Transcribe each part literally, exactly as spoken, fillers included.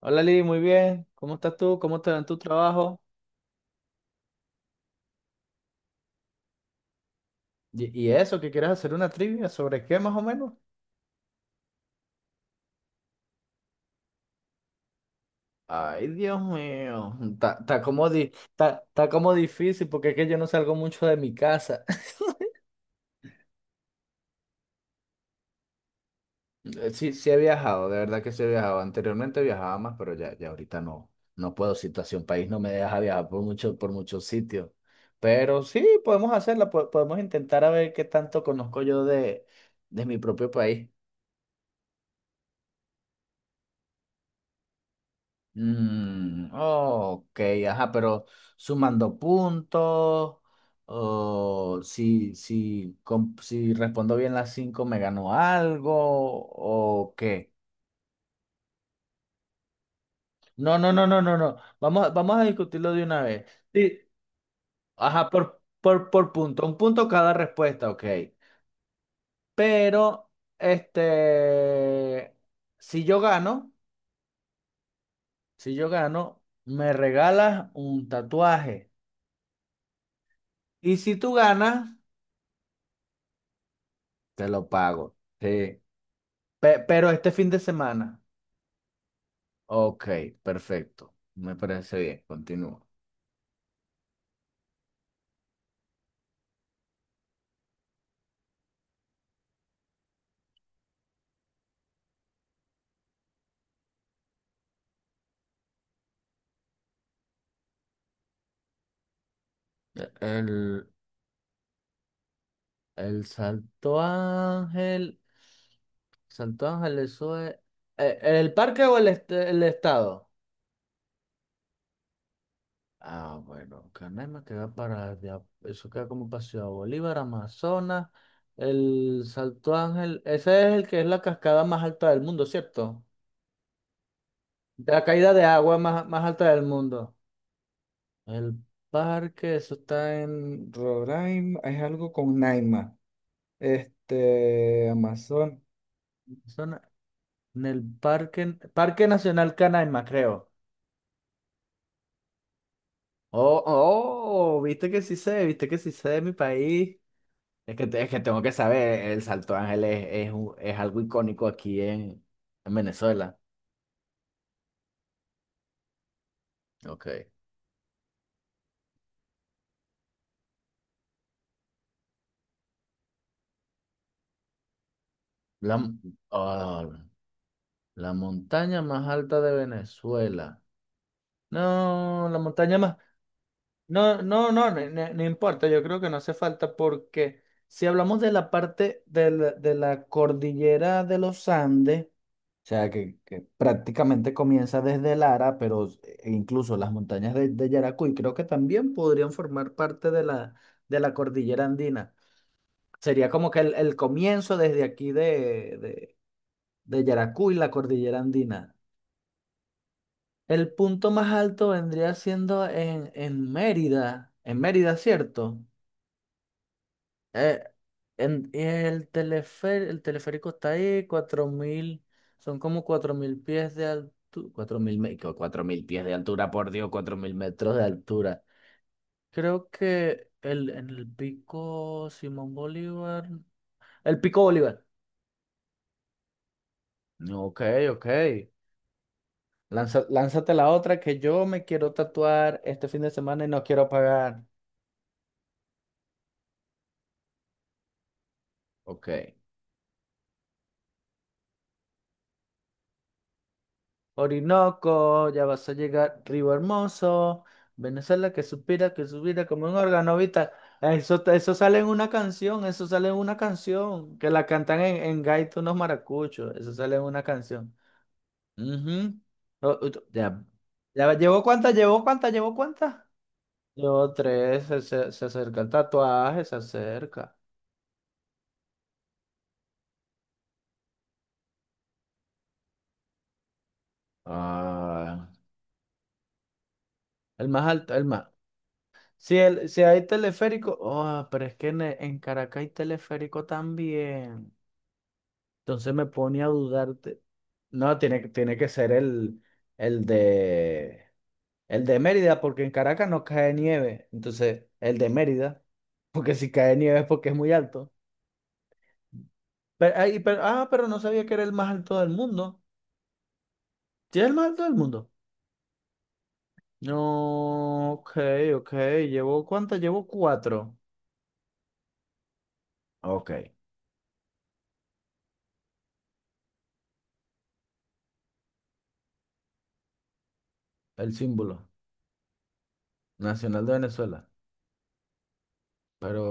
Hola Lili, muy bien. ¿Cómo estás tú? ¿Cómo te va en tu trabajo? ¿Y, y eso? ¿Que quieres hacer una trivia? ¿Sobre qué más o menos? Ay, Dios mío. Está, está como, di- está, está como difícil porque es que yo no salgo mucho de mi casa. Eh, Sí, sí he viajado, de verdad que sí he viajado. Anteriormente viajaba más, pero ya, ya ahorita no, no puedo. Situación país no me deja viajar por mucho, por muchos sitios. Pero sí, podemos hacerla, po- podemos intentar a ver qué tanto conozco yo de, de mi propio país. Mm, ok, ajá, pero sumando puntos, o si, si, com- si respondo bien las cinco, me ganó algo, o qué. No, no, no, no, no, no. Vamos, a- vamos a discutirlo de una vez. Sí. Ajá, por, por, por punto, un punto cada respuesta, ok. Pero, este, si yo gano, si yo gano, me regalas un tatuaje. Y si tú ganas. Te lo pago. Sí. Pe- pero este fin de semana. Ok, perfecto. Me parece bien. Continúa. E- El, el Salto Ángel. Salto Ángel, eso es. e- ¿El parque o el, est- el estado? Ah, bueno, Canaima queda para allá. Eso queda como para Ciudad Bolívar, Amazonas. El Salto Ángel. Ese es el que es la cascada más alta del mundo, ¿cierto? De la caída de agua más, más alta del mundo. El parque, eso está en Roraima, es algo con Naima. Este, Amazon, Amazonas, en el parque, Parque Nacional Canaima, creo. Oh, oh, viste que sí sé, viste que sí sé de mi país. Es que, te- es que tengo que saber, el Salto Ángel es, es, un- es algo icónico aquí en, en Venezuela. Ok. La, m- ah, la montaña más alta de Venezuela. No, la montaña más. No, no, no, no, no- no importa, yo creo que no hace falta porque si hablamos de la parte de la, de la cordillera de los Andes, o sea, que, que prácticamente comienza desde Lara, pero e incluso las montañas de, de Yaracuy creo que también podrían formar parte de la, de la cordillera andina. Sería como que el, el comienzo desde aquí de, de, de Yaracuy, la cordillera andina. El punto más alto vendría siendo en, en Mérida, en Mérida, ¿cierto? Eh, en- y el telefer- el teleférico está ahí, cuatro mil son como cuatro mil pies de altura, cuatro mil me- que cuatro mil pies de altura, por Dios, cuatro mil metros de altura. Creo que el, en el pico Simón Bolívar, el pico Bolívar. Ok, ok. Lanza- lánzate la otra que yo me quiero tatuar este fin de semana y no quiero pagar. Ok. Orinoco, ya vas a llegar, Río Hermoso, Venezuela que suspira, que suspira como un órgano, ¿viste? Eso, eso sale en una canción, eso sale en una canción, que la cantan en, en gaita unos maracuchos, eso sale en una canción. Ujú. O- o- ya, ya, ¿llevó cuántas? ¿Llevó cuántas? ¿Llevó cuántas? Llevó tres, se, se- se acerca el tatuaje, se acerca. Ah, el más alto, el más. Si, el, si hay teleférico, oh, pero es que en, e- en Caracas hay teleférico también. Entonces me pone a dudarte. No, tiene, que- tiene que ser el, el de, el de Mérida, porque en Caracas no cae nieve. Entonces, el de Mérida, porque si cae nieve es porque es muy alto. Pero, ay, pero- ah, pero no sabía que era el más alto del mundo. ¿Sí es el más alto del mundo? No, ok, ok. ¿Llevo cuántas? Llevo cuatro. Ok, el símbolo nacional de Venezuela. Pero,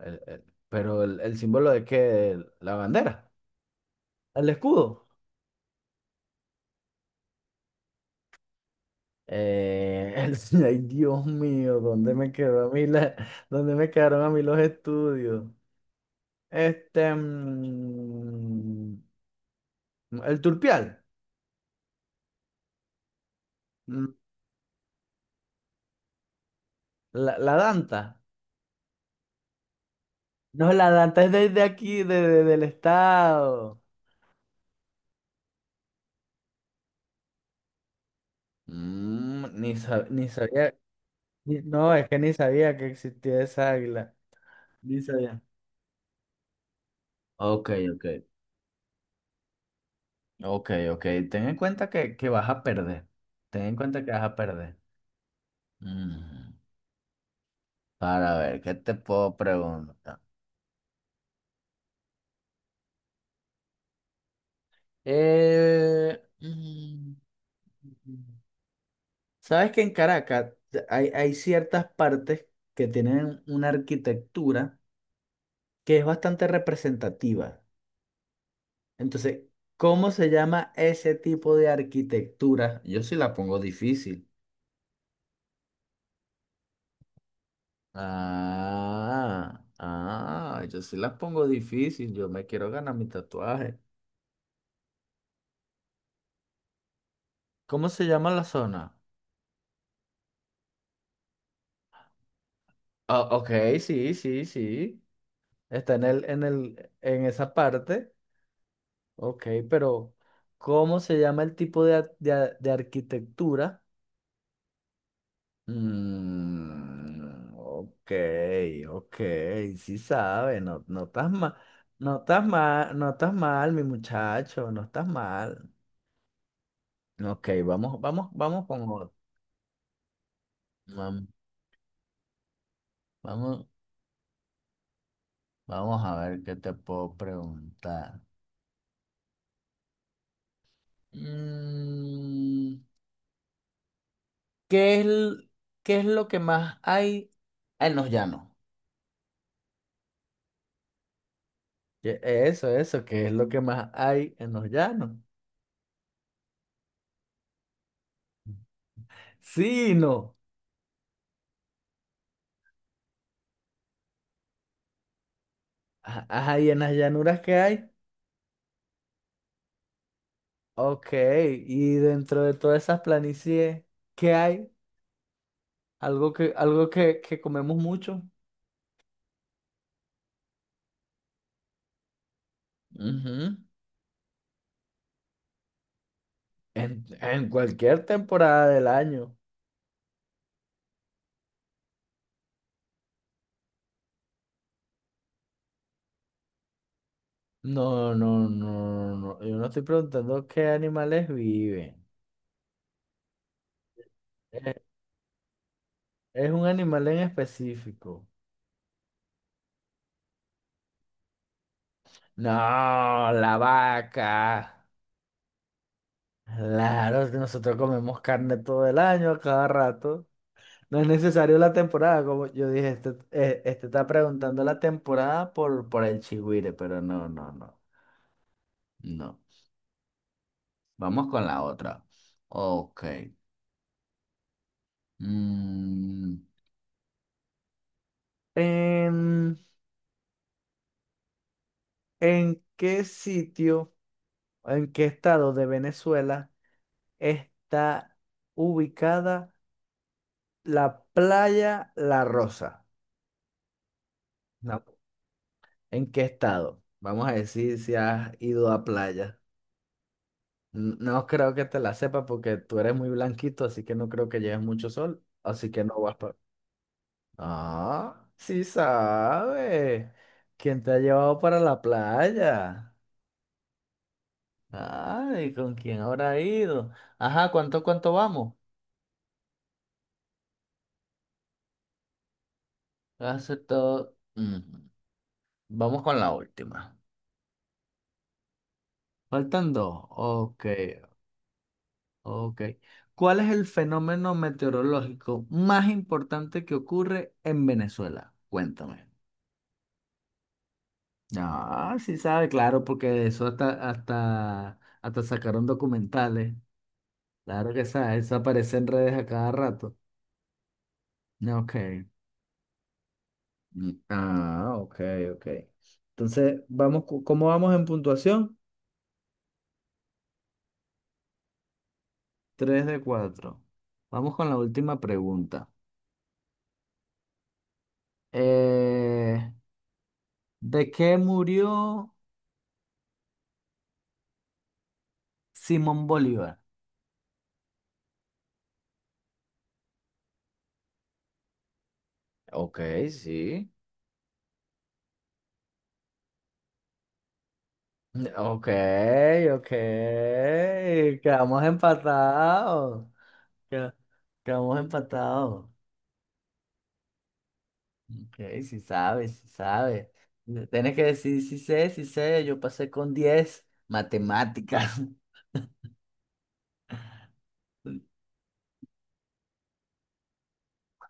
el, el- pero el, el símbolo de qué, la bandera, el escudo. Eh, el- ay, Dios mío, ¿dónde me quedó a mí la- dónde me quedaron a mí los estudios? Este, mm, el turpial, mm, la, la danta. No, la danta es desde aquí, de, de- del estado. Mm, ni, sab- ni sabía, ni- no, es que ni sabía que existía esa águila. Ni sabía. Ok, ok. Ok, ok. Ten en cuenta que, que vas a perder. Ten en cuenta que vas a perder. Mm, Para ver, ¿qué te puedo preguntar? Eh, mm, sabes que en Caracas hay, hay ciertas partes que tienen una arquitectura que es bastante representativa. Entonces, ¿cómo se llama ese tipo de arquitectura? Yo sí la pongo difícil. Ah, ah, yo sí las pongo difícil, yo me quiero ganar mi tatuaje. ¿Cómo se llama la zona? Ah, ok, sí, sí, sí. Está en el, en el, en esa parte. Ok, pero ¿cómo se llama el tipo de, ar- de, ar- de arquitectura? Mm, ok, ok, sí sabe, no, no estás mal, no estás mal, no estás mal, mi muchacho, no estás mal. Ok, vamos, vamos, vamos con otro. Vam- Vamos, vamos a ver qué te puedo preguntar. Mm, ¿qué es, l- qué es lo que más hay en los llanos? ¿Qué- Eso, eso, ¿qué es lo que más hay en los llanos? Sí, no. Ah, Ajá, ¿y en las llanuras qué hay? Ok, y dentro de todas esas planicies, ¿qué hay? Algo que, algo que, que comemos mucho. Ujú. En, en cualquier temporada del año. No, no, no, no, no. Yo no estoy preguntando qué animales viven. Es, es un animal en específico. No, la vaca. Claro, es que nosotros comemos carne todo el año, a cada rato. No es necesario la temporada, como yo dije, este, eh, este está preguntando la temporada por, por el chigüire, pero no, no, no, no. Vamos con la otra. Ok. Mm, ¿en en qué sitio? ¿En qué estado de Venezuela está ubicada la playa La Rosa? No. ¿En qué estado? Vamos a decir si has ido a playa. N- No creo que te la sepa porque tú eres muy blanquito, así que no creo que lleves mucho sol, así que no vas para. Ah, sí sabe. ¿Quién te ha llevado para la playa? Ay, ¿con quién habrá ido? Ajá, ¿cuánto, cuánto vamos? Hace todo. Vamos con la última. Faltan dos. Ok, ok. ¿Cuál es el fenómeno meteorológico más importante que ocurre en Venezuela? Cuéntame. Ah, sí sabe, claro, porque de eso hasta, hasta, hasta sacaron documentales. Claro que sabe, eso aparece en redes a cada rato. Ok. Mm, ah, ok, ok. Entonces, vamos, co- ¿cómo vamos en puntuación? Tres de cuatro. Vamos con la última pregunta. Eh, ¿De qué murió Simón Bolívar? Ok, sí. Ok, ok. Quedamos empatados. Qued- Quedamos empatados. Ok, sí sabes, sí sabes. Tienes que decir si sé, si sé. Yo pasé con diez matemáticas.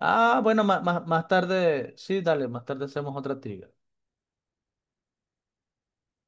Ah, bueno, ma- ma- más tarde, sí, dale, más tarde hacemos otra trivia.